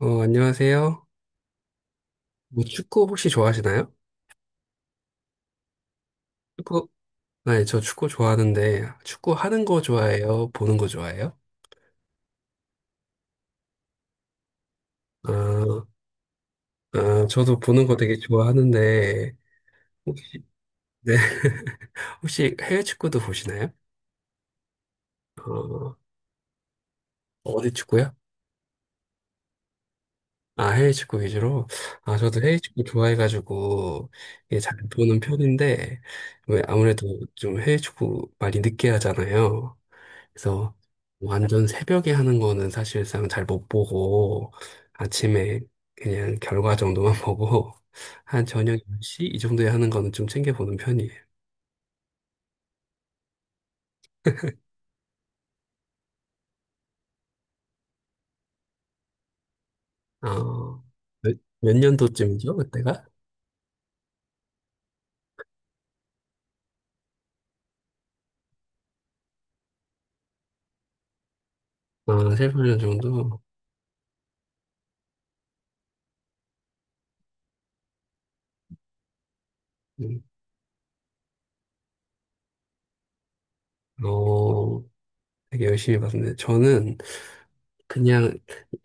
안녕하세요. 뭐 축구 혹시 좋아하시나요? 축구? 아, 네, 저 축구 좋아하는데, 축구 하는 거 좋아해요? 보는 거 좋아해요? 아, 아, 저도 보는 거 되게 좋아하는데, 혹시, 네. 혹시 해외 축구도 보시나요? 어, 어디 축구요? 아, 해외 축구 위주로? 아, 저도 해외 축구 좋아해가지고, 이게 잘 보는 편인데, 왜 아무래도 좀 해외 축구 많이 늦게 하잖아요. 그래서 완전 새벽에 하는 거는 사실상 잘 못 보고 아침에 그냥 결과 정도만 보고 한 저녁 10시 이 정도에 하는 거는 좀 챙겨보는 편이에요. 어, 몇 년도쯤이죠, 그때가? 아, 7, 8년 정도? 음. 어, 되게 열심히 봤는데 저는 그냥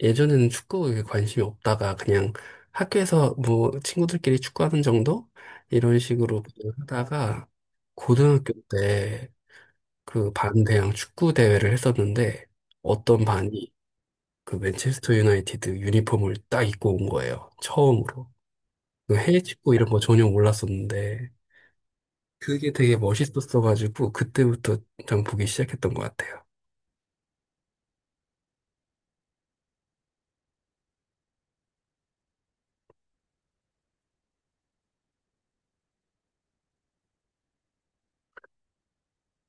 예전에는 축구에 관심이 없다가 그냥 학교에서 뭐 친구들끼리 축구하는 정도? 이런 식으로 그냥 하다가 고등학교 때 그 반대항 축구 대회를 했었는데 어떤 반이 그 맨체스터 유나이티드 유니폼을 딱 입고 온 거예요. 처음으로. 그 해외 축구 이런 거 전혀 몰랐었는데 그게 되게 멋있었어가지고 그때부터 좀 보기 시작했던 것 같아요.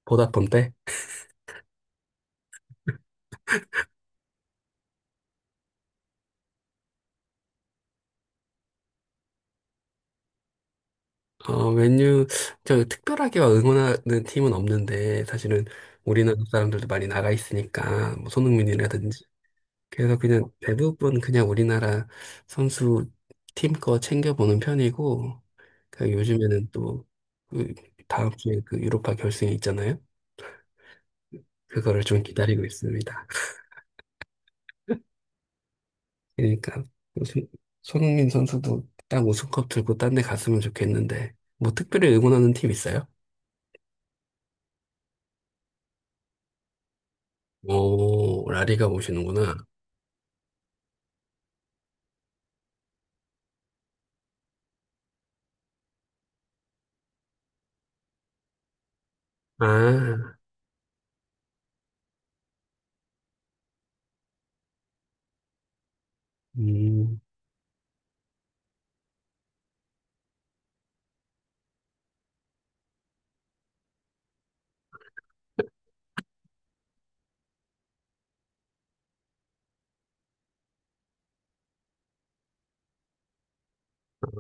보다폰 때? 맨유, 저 특별하게 막 응원하는 팀은 없는데 사실은 우리나라 사람들도 많이 나가 있으니까 뭐 손흥민이라든지 그래서 그냥 대부분 그냥 우리나라 선수 팀 거 챙겨보는 편이고, 그 요즘에는 또 그 다음 주에 그 유로파 결승이 있잖아요. 그거를 좀 기다리고 있습니다. 그러니까 손- 손흥민 선수도 딱 우승컵 들고 딴데 갔으면 좋겠는데, 뭐 특별히 응원하는 팀 있어요? 오, 라리가 보시는구나. 아, 음,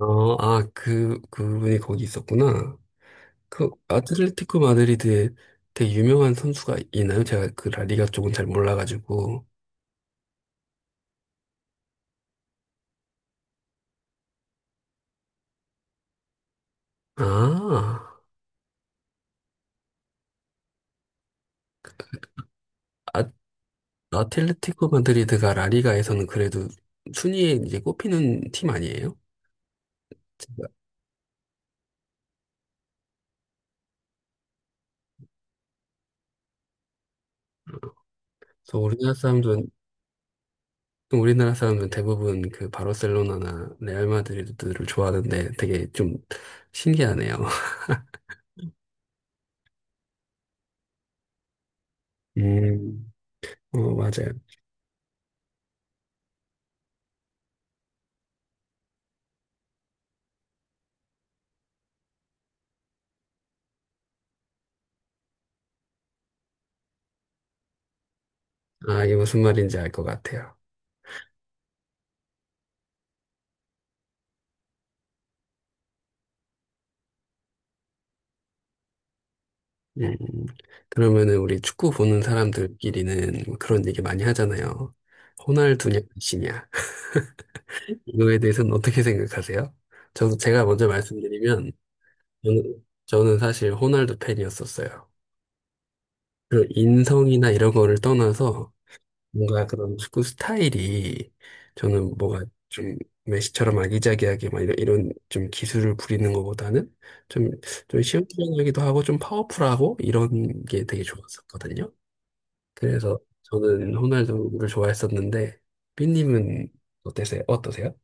그분이 거기 있었구나. 그 아틀레티코 마드리드에 되게 유명한 선수가 있나요? 제가 그 라리가 쪽은 잘 몰라가지고. 아, 아, 아틀레티코 마드리드가 라리가에서는 그래도 순위에 이제 꼽히는 팀 아니에요? 제가- 그래서 우리나라 사람들은 대부분 그 바르셀로나나 레알 마드리드를 좋아하는데 되게 좀 신기하네요. 음, 맞아요. 아, 이게 무슨 말인지 알 것 같아요. 음, 그러면은 우리 축구 보는 사람들끼리는 뭐 그런 얘기 많이 하잖아요. 호날두냐, 메시냐. 이거에 대해서는 어떻게 생각하세요? 저도 제가 먼저 말씀드리면, 저는 사실 호날두 팬이었었어요. 그 인성이나 이런 거를 떠나서 뭔가 그런 축구 스타일이 저는 뭐가 좀 메시처럼 아기자기하게 막 이런 좀 기술을 부리는 것보다는 좀, 좀 시원시원하기도 하고 좀 파워풀하고 이런 게 되게 좋았었거든요. 그래서 저는 호날두를 좋아했었는데 삐님은 어떠세요?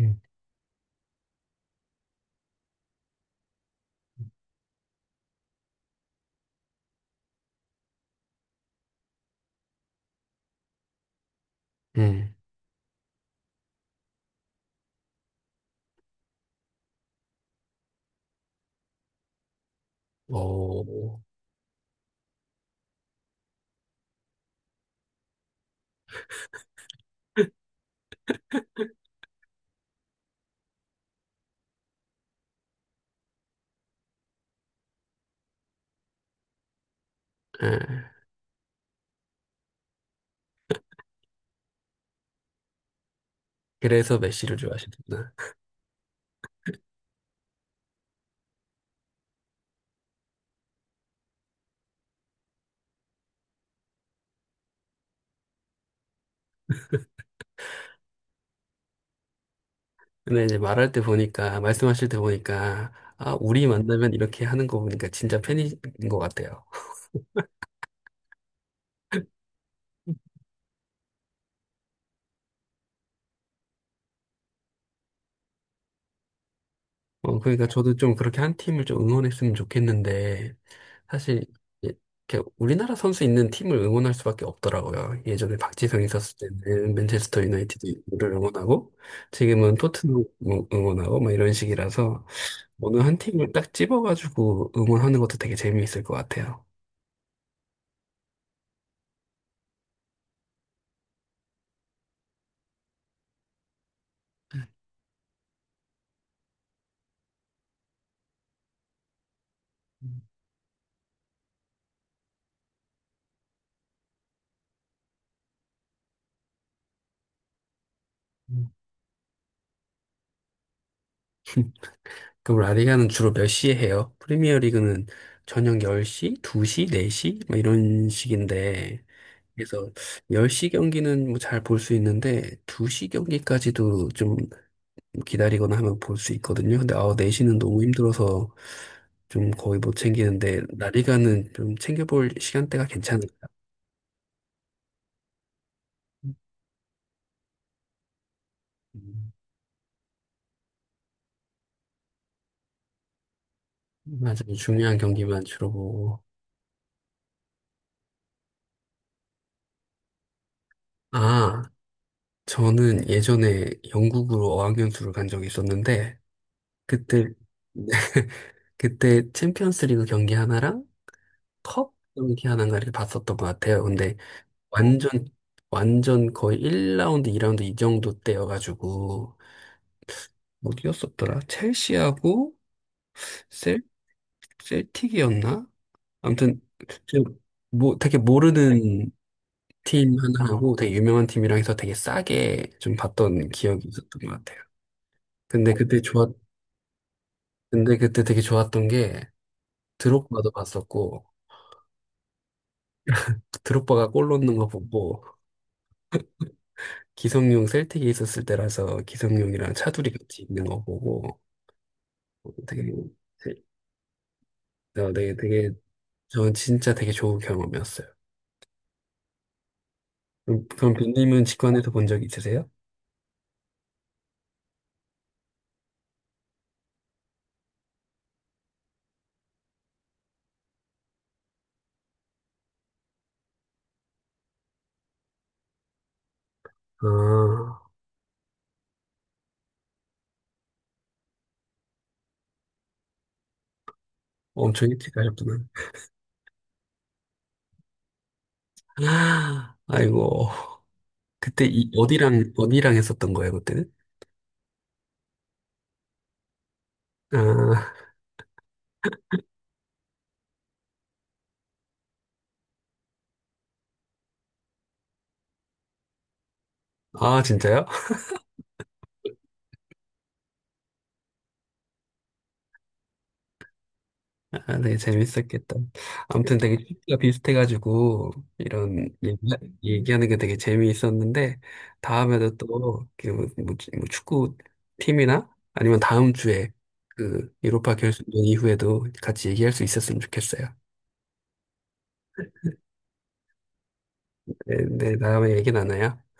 음. 음. 어, 예. 그래서 메시를 좋아하시는구나. 근데 이제 말씀하실 때 보니까, 아, 우리 만나면 이렇게 하는 거 보니까 진짜 팬인 것 같아요. 그러니까 저도 좀 그렇게 한 팀을 좀 응원했으면 좋겠는데, 사실, 이렇게 우리나라 선수 있는 팀을 응원할 수밖에 없더라고요. 예전에 박지성 있었을 때는 맨체스터 유나이티드 를 응원하고, 지금은 토트넘 뭐 응원하고, 막 이런 식이라서, 어느 한 팀을 딱 집어가지고 응원하는 것도 되게 재미있을 것 같아요. 음. 그럼 라리가는 주로 몇 시에 해요? 프리미어 리그는 저녁 10시, 2시, 4시? 막 이런 식인데, 그래서 10시 경기는 뭐 잘 볼 수 있는데 2시 경기까지도 좀 기다리거나 하면 볼 수 있거든요. 근데 아홉 4시는 너무 힘들어서 좀 거의 못 챙기는데 라리가는 좀 챙겨볼 시간대가 괜찮을까? 음, 맞아요. 중요한 경기만 주로 보고. 아, 저는 예전에 영국으로 어학연수를 간 적이 있었는데 그때 그때 챔피언스 리그 경기 하나랑 컵 경기 하나인가 이렇게 봤었던 것 같아요. 근데 완전 완전 거의 1라운드, 2라운드 이 라운드 이 정도 때여가지고 뭐 뛰었었더라. 첼시하고 셀 셀틱이었나? 아무튼 지금 뭐 되게 모르는 팀 하나하고 되게 유명한 팀이랑 해서 되게 싸게 좀 봤던 기억이 있었던 것 같아요. 근데 그때 좋았 근데 그때 되게 좋았던 게 드록바도 봤었고 드록바가 골 넣는 거 보고 기성용 셀틱에 있었을 때라서 기성용이랑 차두리 같이 있는 거 보고 되게 어, 되게, 되게, 저 진짜 되게 좋은 경험이었어요. 그럼 빈님은 직관에서 본 적 있으세요? 아, 엄청 일찍 가셨구나. 아, 아이고. 그때 어디랑 했었던 거예요, 그때는? 아, 아, 진짜요? 아, 네, 재밌었겠다. 아무튼 되게 취미가 비슷해가지고 이런 얘기, 하는게 되게 재미있었는데 다음에도 또그 뭐 축구 팀이나 아니면 다음 주에 그 유로파 결승전 이후에도 같이 얘기할 수 있었으면 좋겠어요. 네, 네, 다음에 얘기 나눠요.